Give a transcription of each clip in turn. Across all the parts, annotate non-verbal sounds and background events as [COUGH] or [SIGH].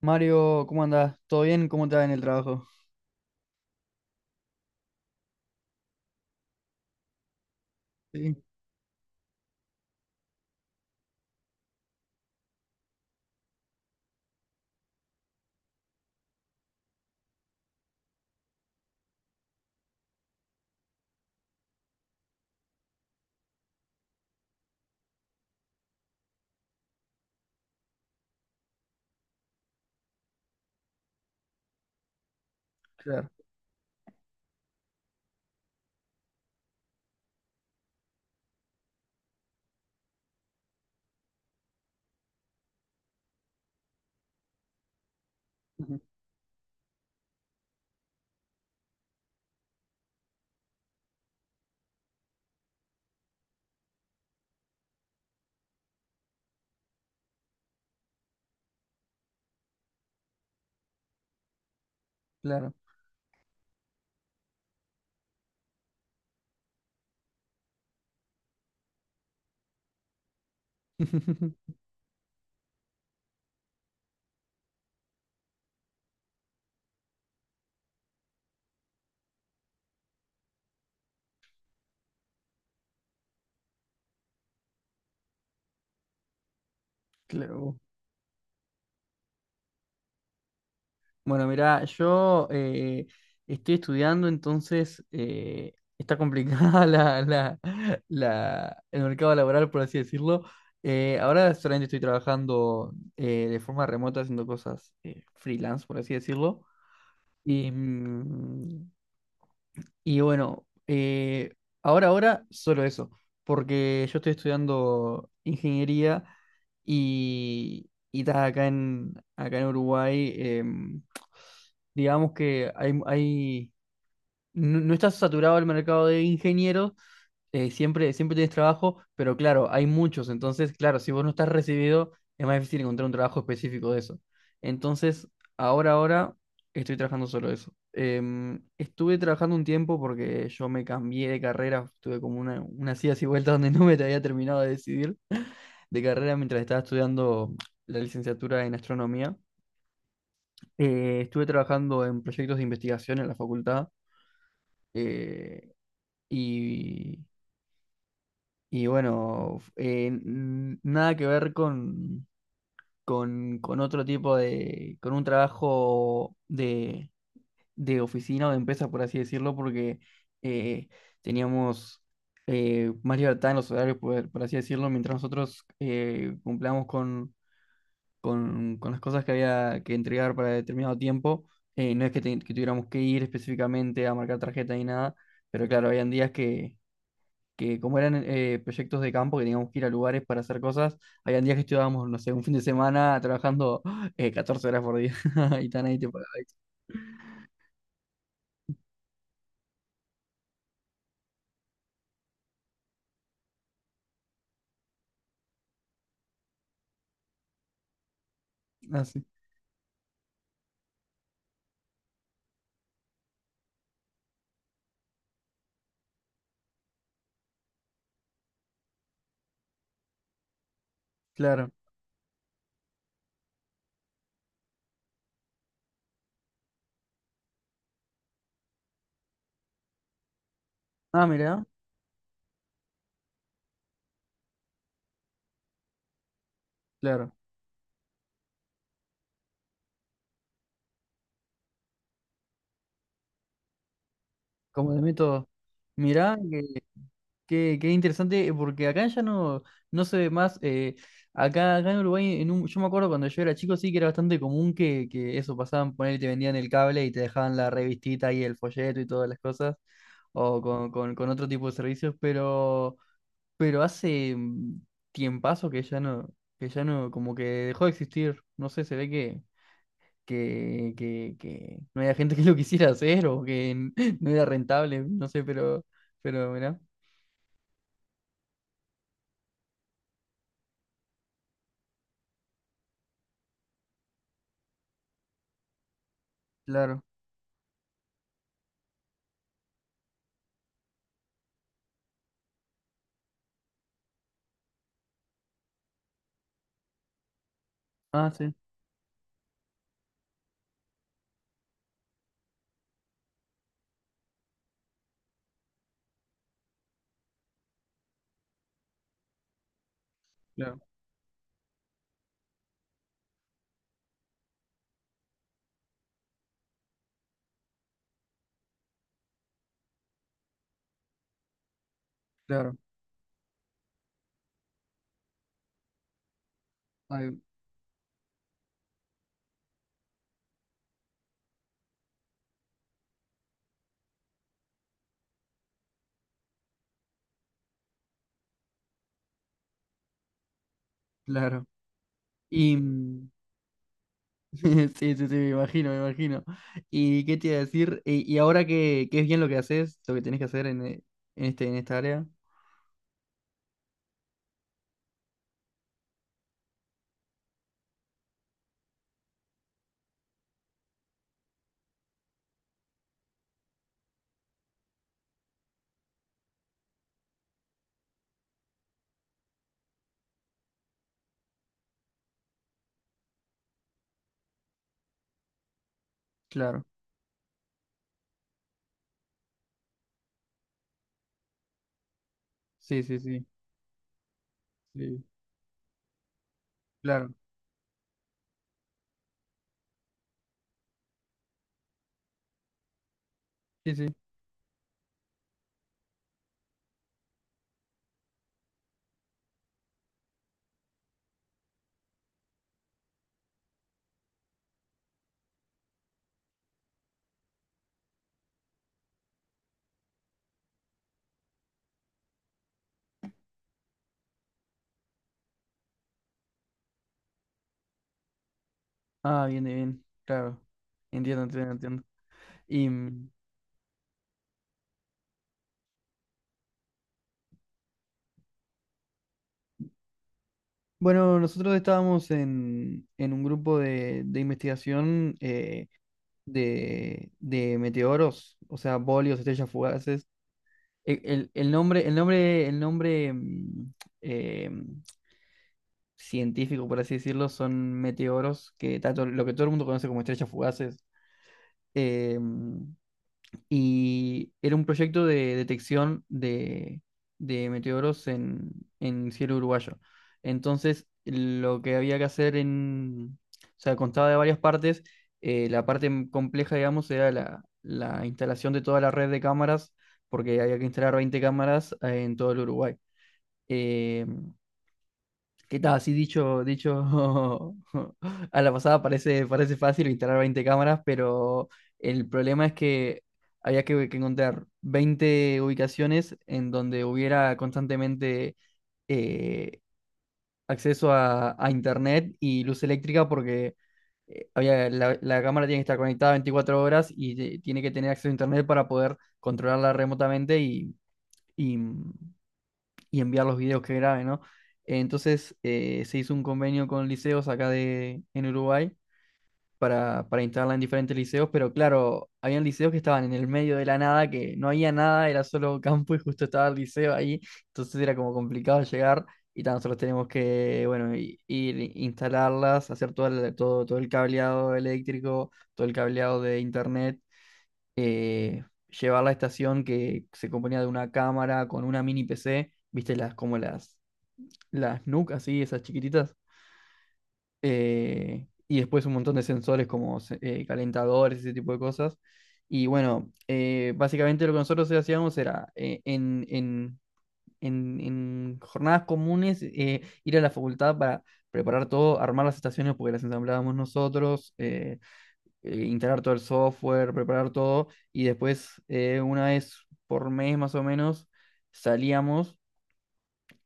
Mario, ¿cómo andás? ¿Todo bien? ¿Cómo te va en el trabajo? Sí, claro, ujú, claro. [LAUGHS] Claro. Bueno, mira, yo estoy estudiando, entonces está complicada [LAUGHS] el mercado laboral, por así decirlo. Ahora solamente estoy trabajando de forma remota, haciendo cosas freelance, por así decirlo. Y, mm, Y bueno, ahora solo eso, porque yo estoy estudiando ingeniería y acá en Uruguay, digamos que no, no está saturado el mercado de ingenieros, siempre tienes trabajo, pero claro, hay muchos. Entonces, claro, si vos no estás recibido, es más difícil encontrar un trabajo específico de eso. Entonces, ahora estoy trabajando solo eso. Em, estuve trabajando un tiempo porque yo me cambié de carrera, tuve como unas idas y vueltas [LAUGHS] donde no me había terminado de decidir de carrera mientras estaba estudiando la licenciatura en astronomía. Estuve trabajando en proyectos de investigación en la facultad eh, y Y bueno, nada que ver con otro tipo de, con un trabajo de oficina o de empresa, por así decirlo, porque eh, teníamos más libertad en los horarios, por así decirlo, mientras nosotros cumplamos con las cosas que había que entregar para determinado tiempo. No es que tuviéramos que ir específicamente a marcar tarjeta ni nada, pero claro, habían días que como eran proyectos de campo que teníamos que ir a lugares para hacer cosas, habían días que estudiábamos, no sé, un fin de semana trabajando [GASPS] 14 horas por día [LAUGHS] y tan ahí te pagaban. Así, claro. Ah, mirá, claro. Como de método. Mirá, qué interesante, porque acá ya no, no se ve más. Acá en Uruguay, en un, yo me acuerdo cuando yo era chico, sí que era bastante común que eso pasaban, poner te vendían el cable y te dejaban la revistita y el folleto y todas las cosas, o con otro tipo de servicios, pero. Pero hace tiempazo que ya no, como que dejó de existir. No sé, se ve que no había gente que lo quisiera hacer o que [LAUGHS] no era rentable, no sé, pero mirá, claro. Ah, sí, claro, claro, ay, claro. Y mm, [LAUGHS] sí, sí, sí, me imagino, me imagino. ¿Y qué te iba a decir? Y ahora que es bien lo que haces, lo que tenés que hacer en, en esta área, claro. Sí, sí, sí, sí, claro. Sí, sí. Ah, bien, bien, claro. Entiendo, entiendo, entiendo. Y mm, bueno, nosotros estábamos en un grupo de investigación de meteoros, o sea, bolios, estrellas fugaces. El nombre eh, científico, por así decirlo, son meteoros, que tanto lo que todo el mundo conoce como estrellas fugaces. Eh, mm, y era un proyecto de detección de meteoros en cielo uruguayo. Entonces, lo que había que hacer en, o sea, constaba de varias partes. La parte compleja, digamos, era la instalación de toda la red de cámaras, porque había que instalar 20 cámaras en todo el Uruguay. Eh, ¿Qué tal? Así dicho [LAUGHS] a la pasada parece, parece fácil instalar 20 cámaras, pero el problema es que había que encontrar 20 ubicaciones en donde hubiera constantemente eh, acceso a internet y luz eléctrica porque la cámara tiene que estar conectada 24 horas y tiene que tener acceso a internet para poder controlarla remotamente y mm, y enviar los videos que grabe, ¿no? Entonces se hizo un convenio con liceos acá en Uruguay para instalarla en diferentes liceos, pero claro, habían liceos que estaban en el medio de la nada, que no había nada, era solo campo y justo estaba el liceo ahí, entonces era como complicado llegar y tan solo tenemos que, bueno, ir, instalarlas, hacer todo el cableado eléctrico, todo el cableado de internet, eh, llevar la estación que se componía de una cámara con una mini PC, viste, como las las NUC, así, esas chiquititas, y después un montón de sensores como calentadores, ese tipo de cosas. Y bueno, básicamente lo que nosotros hacíamos era en jornadas comunes ir a la facultad para preparar todo, armar las estaciones porque las ensamblábamos nosotros, instalar todo el software, preparar todo, y después una vez por mes más o menos salíamos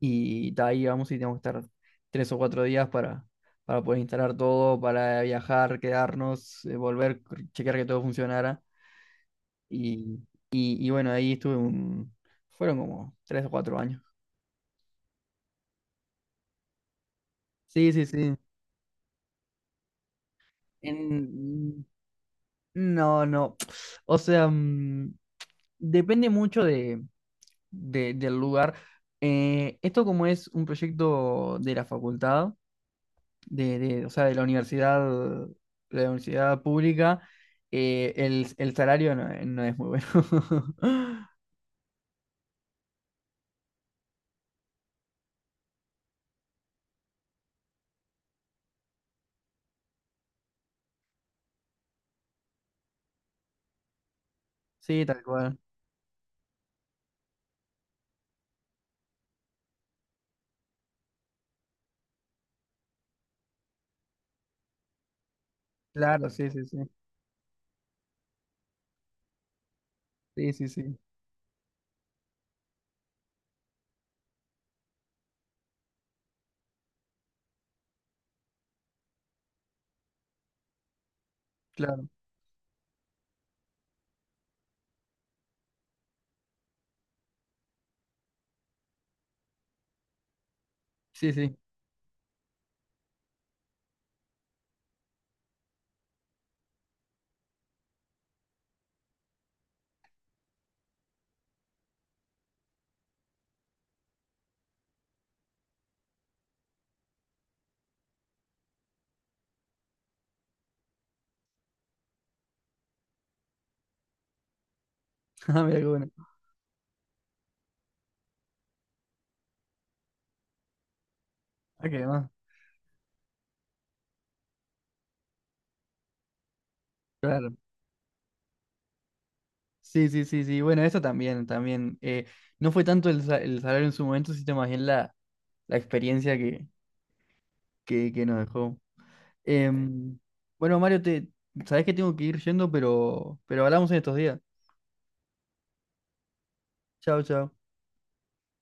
y de ahí vamos y tenemos que estar 3 o 4 días para poder instalar todo, para viajar, quedarnos, volver, chequear que todo funcionara. Y, y bueno, ahí estuve un... Fueron como 3 o 4 años. Sí, sí, sí. En... No, no. [TSK] O sea, depende mucho del lugar. Esto como es un proyecto de la facultad. O sea, de la universidad pública, el salario no, no es muy bueno. [LAUGHS] Sí, tal cual. Claro, sí, sí, sí. Sí, sí, sí. Claro. Sí, sí. [LAUGHS] Ah, mira qué bueno. Ah, qué más. Claro. Sí, sí, sí, sí. Bueno, eso también, también. No fue tanto el salario en su momento, sino más bien la, la experiencia que nos dejó. Em, bueno, Mario, te, sabes que tengo que ir yendo, pero hablamos en estos días. Chao, chao.